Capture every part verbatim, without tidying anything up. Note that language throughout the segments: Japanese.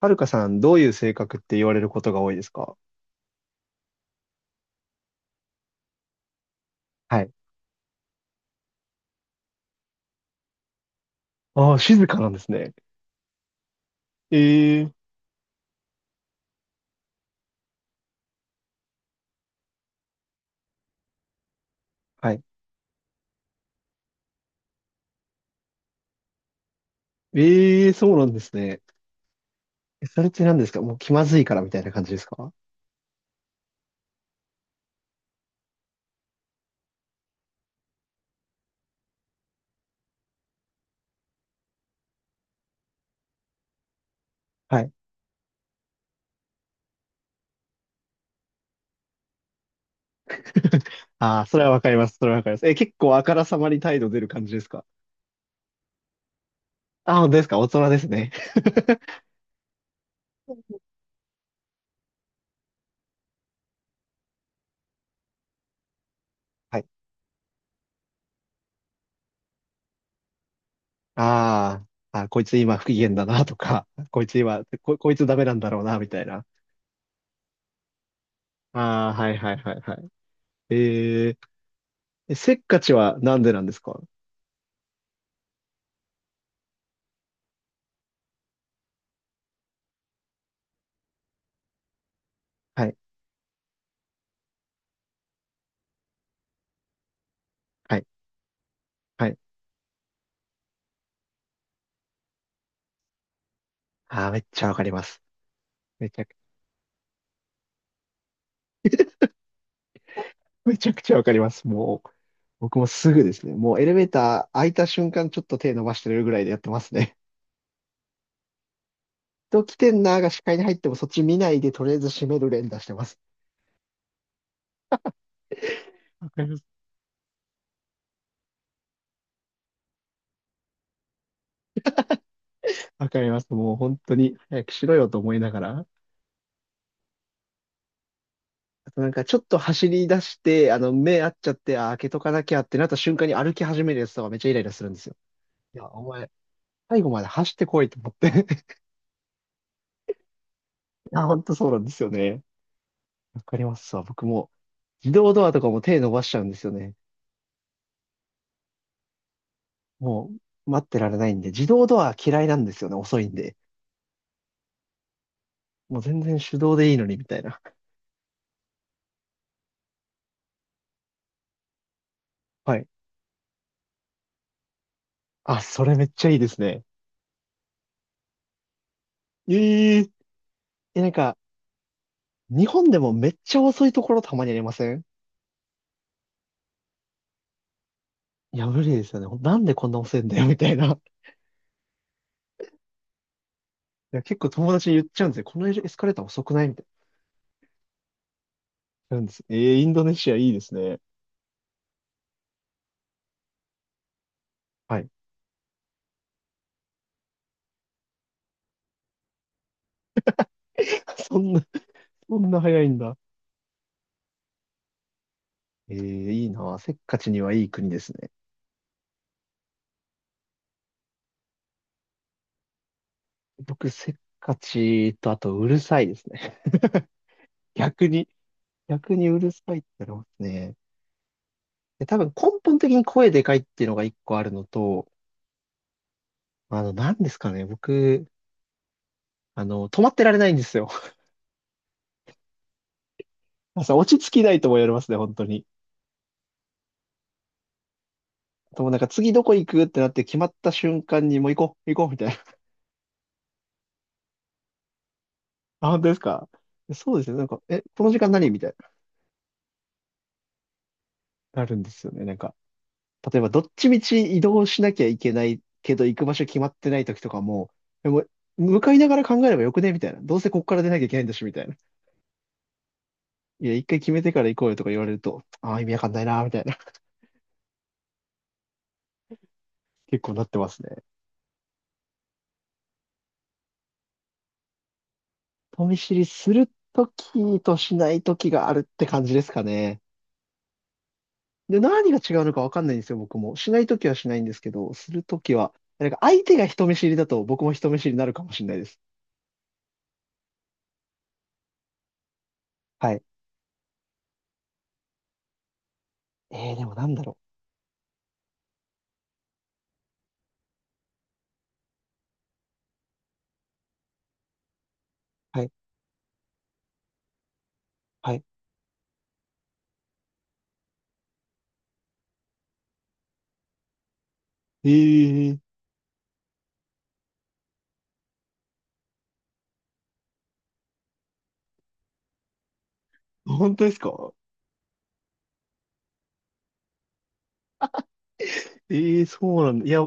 はるかさん、どういう性格って言われることが多いですか？はい。ああ、静かなんですね。ええ。はい。ええ、そうなんですね。え、それって何ですか？もう気まずいからみたいな感じですか？はい。ああ、それはわかります。それはわかります。え、結構あからさまに態度出る感じですか？ああ、本当ですか？大人ですね。はい。ああ、あ、こいつ今不機嫌だなとか、こいつ今、こ、こいつダメなんだろうな、みたいな。ああ、はいはいはいはい。えええせっかちはなんでなんですか？はいはい。はい。ああ、めっちゃわかります。めちゃく、めちゃくちゃわかります。もう、僕もすぐですね。もうエレベーター開いた瞬間ちょっと手伸ばしてるぐらいでやってますね。人来てんなーが視界に入ってもそっち見ないでとりあえず閉める連打してます。わかります。わかります。もう本当に早くしろよと思いながら。あとなんかちょっと走り出して、あの目合っちゃって、あー、開けとかなきゃってなった瞬間に歩き始めるやつとかめっちゃイライラするんですよ。いや、お前、最後まで走ってこいと思って。いや、本当そうなんですよね。わかりますわ。僕も自動ドアとかも手伸ばしちゃうんですよね。もう待ってられないんで、自動ドア嫌いなんですよね。遅いんで。もう全然手動でいいのにみたいな。はい。あ、それめっちゃいいですね。えええ、なんか、日本でもめっちゃ遅いところたまにありませんいや、無理ですよね。なんでこんな遅いんだよ、みたいな。いや、結構友達に言っちゃうんですよ。このエスカレーター遅くない？みたいな。なんです。えーインドネシアいいですね。はい。そんな、そんな早いんだ。ええ、いいな。せっかちにはいい国ですね。僕、せっかちと、あと、うるさいですね。逆に、逆にうるさいってなりますね。で、多分根本的に声でかいっていうのが一個あるのと、あの、何ですかね、僕、あの、止まってられないんですよ。朝落ち着きないとも言われますね、本当に。でもなんか次どこ行くってなって決まった瞬間にもう行こう、行こうみたいな。あ、本当ですか？そうですね、なんか、え、この時間何みたいな。なるんですよね、なんか。例えばどっちみち移動しなきゃいけないけど行く場所決まってない時とかも、でも向かいながら考えればよくねみたいな。どうせここから出なきゃいけないんだし、みたいな。いや、一回決めてから行こうよとか言われると、ああ、意味わかんないな、みたいな。結構なってますね。人見知りするときとしないときがあるって感じですかね。で、何が違うのかわかんないんですよ、僕も。しないときはしないんですけど、するときは、なんか相手が人見知りだと僕も人見知りになるかもしれないです。はい。えー、でも、なんだろう。はい。はい。えー、本当ですか？ええ、そうなんだ。いや、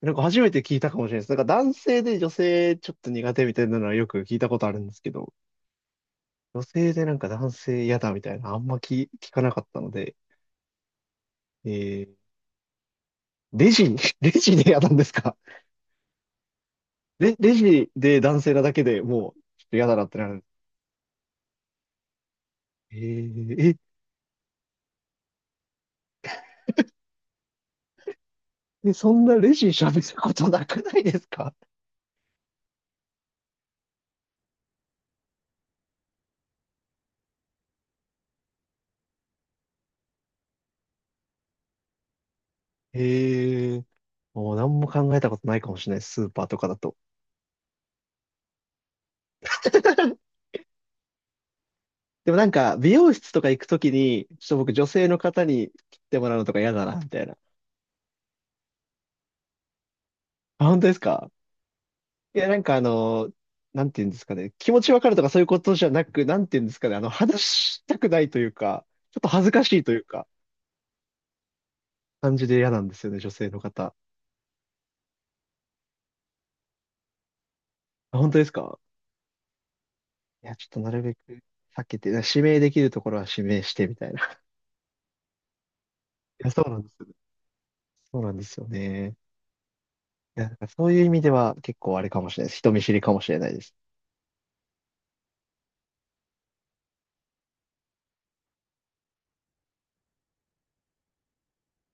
なんか初めて聞いたかもしれないです。なんか男性で女性ちょっと苦手みたいなのはよく聞いたことあるんですけど、女性でなんか男性嫌だみたいな、あんま聞、聞かなかったので、えー、レジ、レジで嫌なんですか？レ、レジで男性なだけでもう、ちょっと嫌だなってなる。えー、え、え、そんなレジ喋ることなくないですか？えー、もう何も考えたことないかもしれない、スーパーとかだと。でもなんか、美容室とか行くときに、ちょっと僕女性の方に切ってもらうのとか嫌だな、みたいな。あ、本当ですか？いや、なんかあの、なんて言うんですかね。気持ちわかるとかそういうことじゃなく、なんて言うんですかね。あの、話したくないというか、ちょっと恥ずかしいというか、感じで嫌なんですよね、女性の方。あ、本当ですか？いや、ちょっとなるべく避けて、指名できるところは指名してみたいな。いや、そうなんですよね。そうなんですよね。いや、なんかそういう意味では結構あれかもしれないです。人見知りかもしれないです。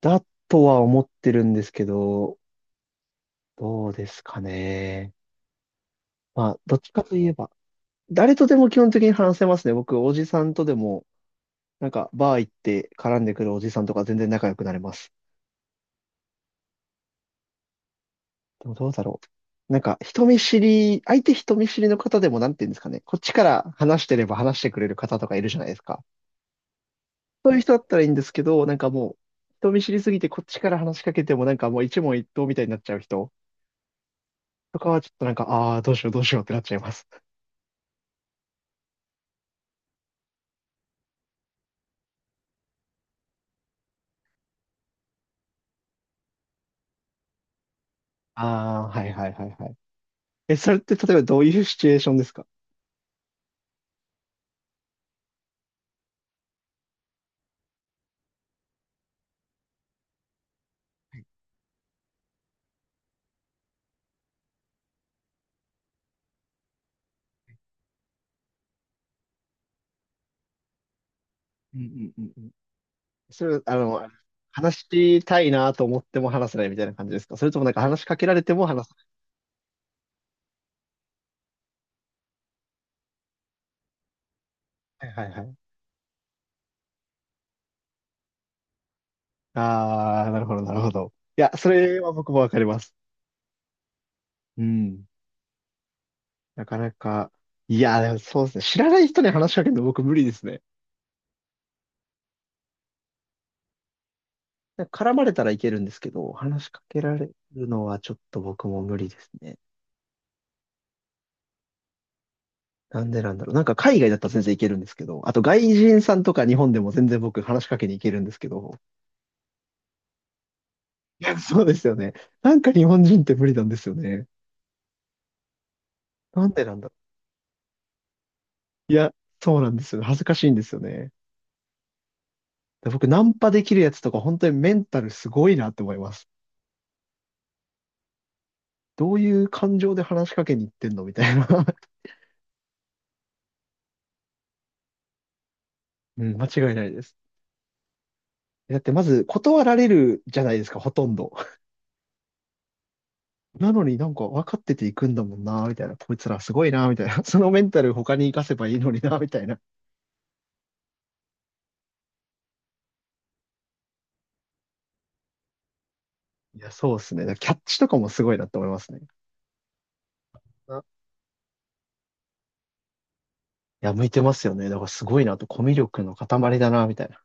だとは思ってるんですけど、どうですかね。まあ、どっちかといえば、誰とでも基本的に話せますね。僕、おじさんとでも、なんか、バー行って絡んでくるおじさんとか全然仲良くなれます。でもどうだろう。なんか、人見知り、相手人見知りの方でも、なんて言うんですかね。こっちから話してれば話してくれる方とかいるじゃないですか。そういう人だったらいいんですけど、なんかもう、人見知りすぎてこっちから話しかけても、なんかもう一問一答みたいになっちゃう人とかは、ちょっとなんか、ああ、どうしようどうしようってなっちゃいます。ああ、はいはいはいはい。え、それって例えばどういうシチュエーションですか？うんうんうんうん。それは、あの、話したいなと思っても話せないみたいな感じですか？それともなんか話しかけられても話せはいはいはい。ない。あー、なるほど、なるほど。いや、それは僕もわかります。うん。なかなか、いや、でもそうですね。知らない人に話しかけるの僕無理ですね。なんか絡まれたらいけるんですけど、話しかけられるのはちょっと僕も無理ですね。なんでなんだろう。なんか海外だったら全然いけるんですけど、あと外人さんとか日本でも全然僕話しかけに行けるんですけど、いや、そうですよね。なんか日本人って無理なんですよね。なんでなんだいや、そうなんですよね。恥ずかしいんですよね。だ僕、ナンパできるやつとか、本当にメンタルすごいなって思います。どういう感情で話しかけに行ってんのみたいな。うん、間違いないです。だってまず断られるじゃないですか、ほとんど。なのになんか分かってていくんだもんな、みたいな。こいつらすごいな、みたいな。そのメンタル他に活かせばいいのにな、みたいな。いや、そうですね。だからキャッチとかもすごいなって思いますね。いや、向いてますよね。だからすごいなと、コミュ力の塊だな、みたいな。